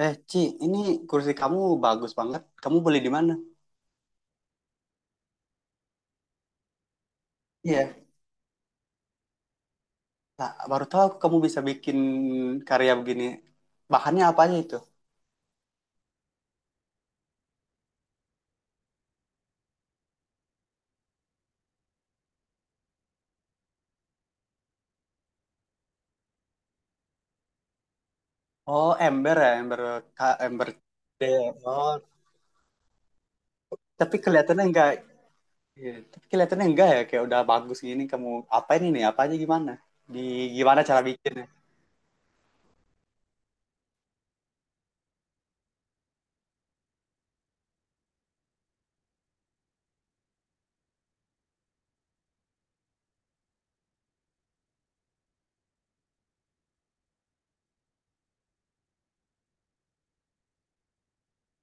Ci, ini kursi kamu bagus banget. Kamu beli di mana? Iya. Nah, baru tahu aku kamu bisa bikin karya begini. Bahannya apa aja itu? Oh, ember ya, ember ember. Iya, oh, tapi kelihatannya enggak. Iya, tapi kelihatannya enggak ya, kayak udah bagus gini. Kamu apa ini nih? Apa aja gimana? Di Gimana cara bikinnya?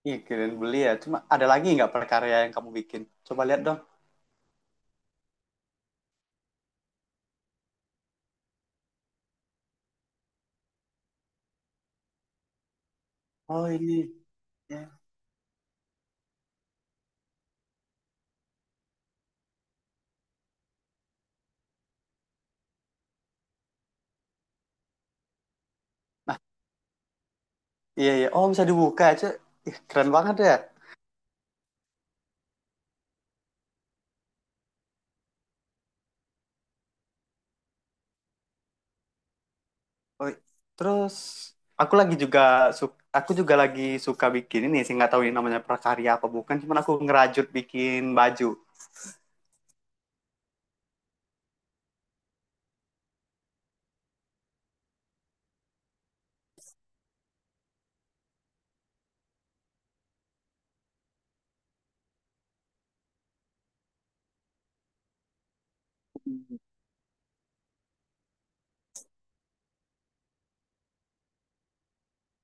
Iya, kalian beli ya. Cuma ada lagi nggak perkarya yang kamu bikin? Coba lihat dong. Oh, ini. Iya, iya. Iya. Oh, bisa dibuka aja. Ih, keren banget ya. Oh, terus aku lagi juga suka, aku juga lagi suka bikin ini sih nggak tahu ini namanya prakarya apa bukan, cuman aku ngerajut bikin baju.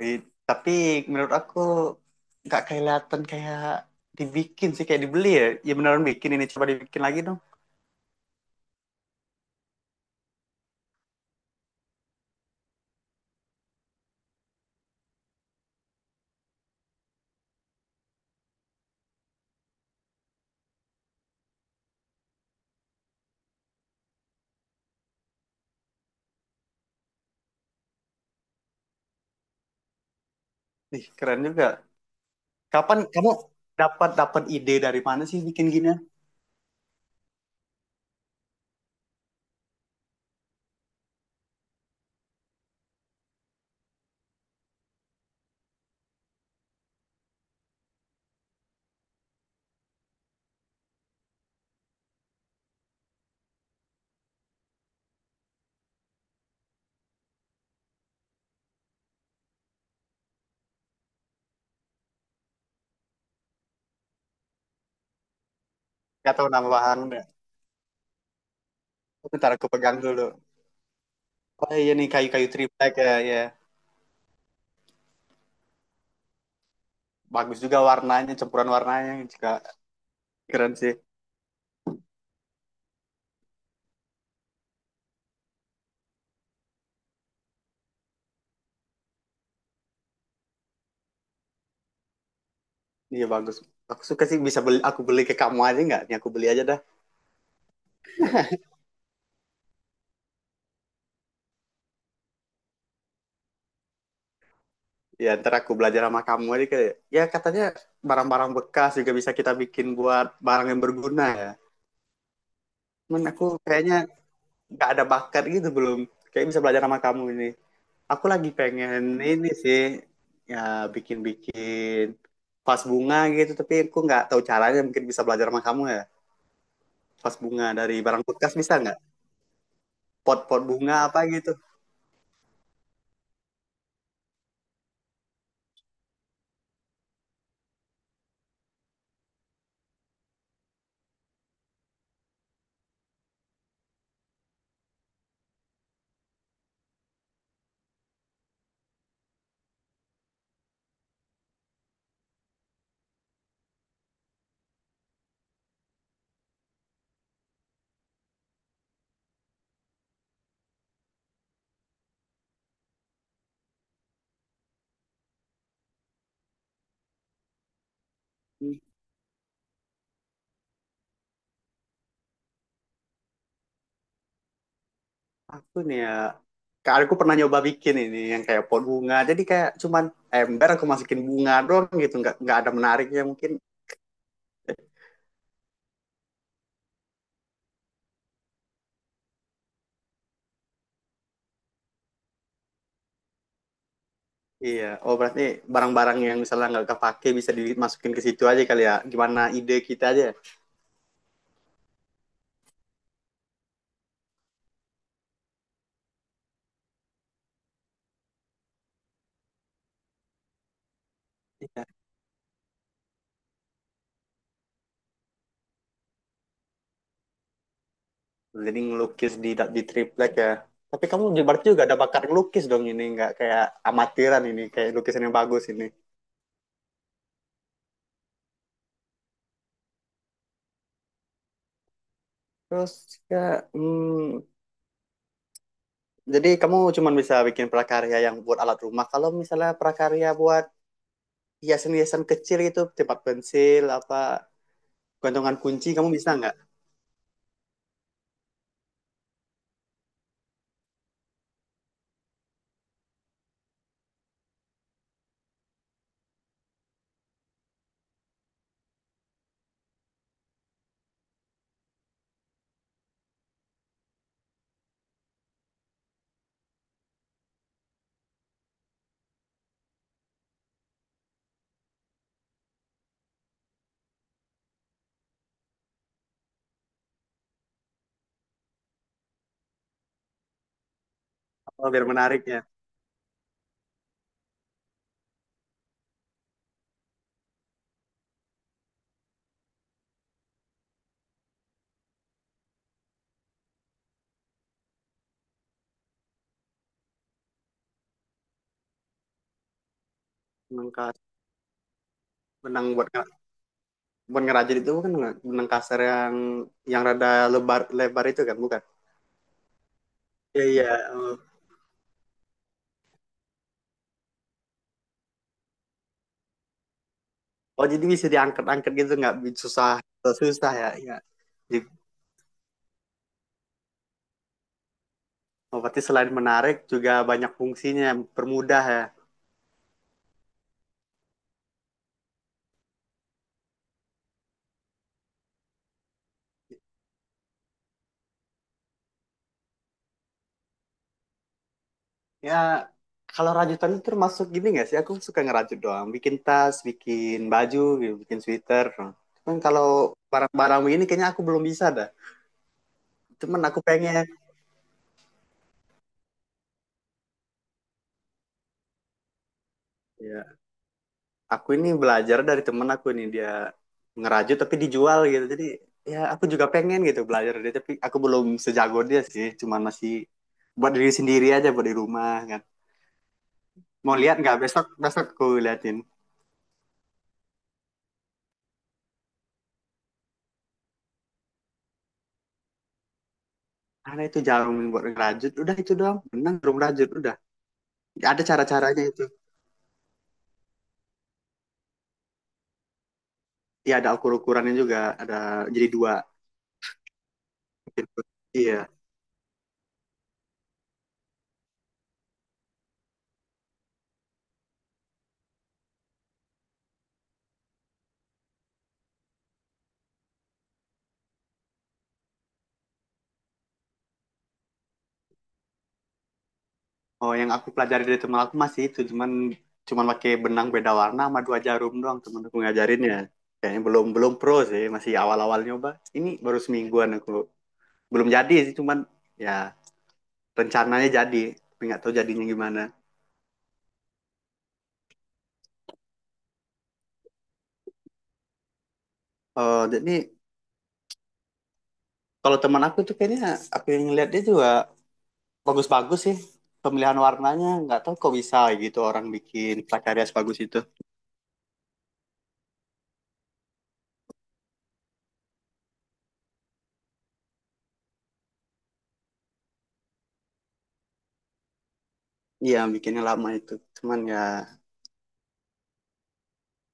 Eh, Tapi menurut aku nggak kelihatan kayak dibikin sih kayak dibeli ya. Ya beneran bikin ini coba dibikin lagi dong. Ih, keren juga. Kapan kamu dapat dapat ide dari mana sih bikin gini? Nggak tahu nama bahan. Bentar aku pegang dulu. Oh iya nih kayu-kayu triplek ya, ya. Bagus juga warnanya, campuran warnanya juga keren sih. Iya bagus. Aku suka sih bisa beli aku beli ke kamu aja nggak? Nih aku beli aja dah. Ya ntar aku belajar sama kamu aja kayak ya katanya barang-barang bekas juga bisa kita bikin buat barang yang berguna ya. Cuman aku kayaknya nggak ada bakat gitu belum. Kayak bisa belajar sama kamu ini. Aku lagi pengen ini sih ya bikin-bikin vas bunga gitu tapi aku nggak tahu caranya mungkin bisa belajar sama kamu ya. Vas bunga dari barang bekas bisa nggak? Pot-pot bunga apa gitu. Aku nih ya, kayak aku pernah nyoba bikin ini yang kayak pot bunga. Jadi kayak cuman ember aku masukin bunga doang gitu, nggak ada menariknya mungkin. Iya, oh berarti barang-barang yang misalnya nggak kepake bisa dimasukin ke situ aja kali ya. Gimana ide kita aja? Iya. Jadi ngelukis di triplek ya. Tapi kamu juga berarti juga ada bakat ngelukis dong ini, nggak kayak amatiran ini, kayak lukisan yang bagus ini. Terus ya, hmm, jadi kamu cuma bisa bikin prakarya yang buat alat rumah. Kalau misalnya prakarya buat hiasan-hiasan kecil itu tempat pensil apa gantungan kunci kamu bisa nggak apa biar menarik ya benang kas benang buat buat ngerajut itu bukan nggak? Benang kasar yang rada lebar lebar itu kan bukan iya iya oh. Oh, jadi bisa diangkat-angkat gitu nggak susah susah ya ya. Jadi, oh, berarti selain menarik juga banyak fungsinya permudah ya. Ya, kalau rajutan itu termasuk gini nggak sih? Aku suka ngerajut doang. Bikin tas, bikin baju, gitu, bikin sweater. Cuman kalau barang-barang ini kayaknya aku belum bisa dah. Cuman aku pengen. Ya, aku ini belajar dari temen aku ini. Dia ngerajut tapi dijual gitu. Jadi ya aku juga pengen gitu belajar dari dia. Tapi aku belum sejago dia sih. Cuman masih buat diri sendiri aja, buat di rumah kan. Mau lihat nggak? Besok, besok aku liatin. Karena itu jarum buat ngerajut, udah itu doang. Benang jarum rajut, udah. Ada cara-caranya itu. Iya ada ukur-ukurannya juga, ada jadi dua. Iya. Oh yang aku pelajari dari teman aku masih itu, cuman cuman pakai benang beda warna sama dua jarum doang teman aku ngajarinnya. Kayaknya belum belum pro sih, masih awal-awal nyoba. Ini baru semingguan aku. Belum jadi sih, cuman ya rencananya jadi, tapi nggak tahu jadinya gimana. Oh jadi kalau teman aku tuh kayaknya aku yang lihat dia juga bagus-bagus sih pemilihan warnanya nggak tahu kok bisa gitu orang bikin prakarya sebagus itu iya bikinnya lama itu cuman ya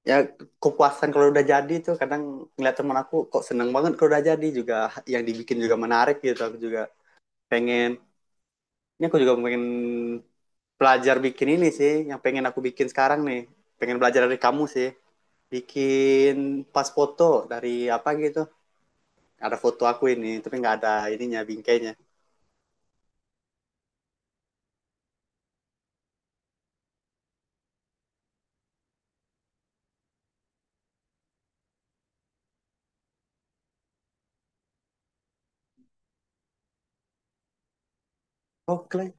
ya kepuasan kalau udah jadi tuh kadang ngeliat teman aku kok seneng banget kalau udah jadi juga yang dibikin juga menarik gitu aku juga pengen ini aku juga pengen belajar bikin ini sih yang pengen aku bikin sekarang nih pengen belajar dari kamu sih bikin pas foto dari apa gitu ada foto aku ini tapi nggak ada ininya bingkainya oh clay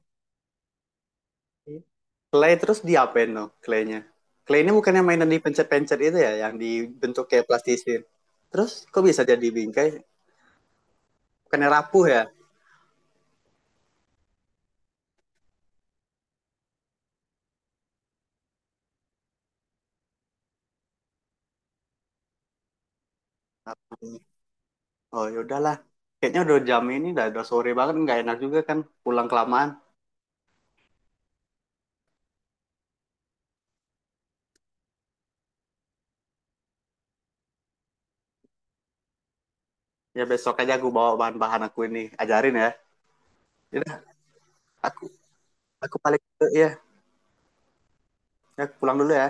clay terus diapain no claynya clay ini bukannya mainan dipencet-pencet itu ya yang dibentuk kayak plastisin terus kok bisa jadi bingkai bukannya rapuh ya. Oh ya udahlah. Kayaknya udah jam ini, udah sore banget, nggak enak juga kan pulang kelamaan. Ya besok aja aku bawa bahan-bahan aku ini, ajarin ya. Ya aku aku balik dulu ya. Ya, aku pulang dulu ya.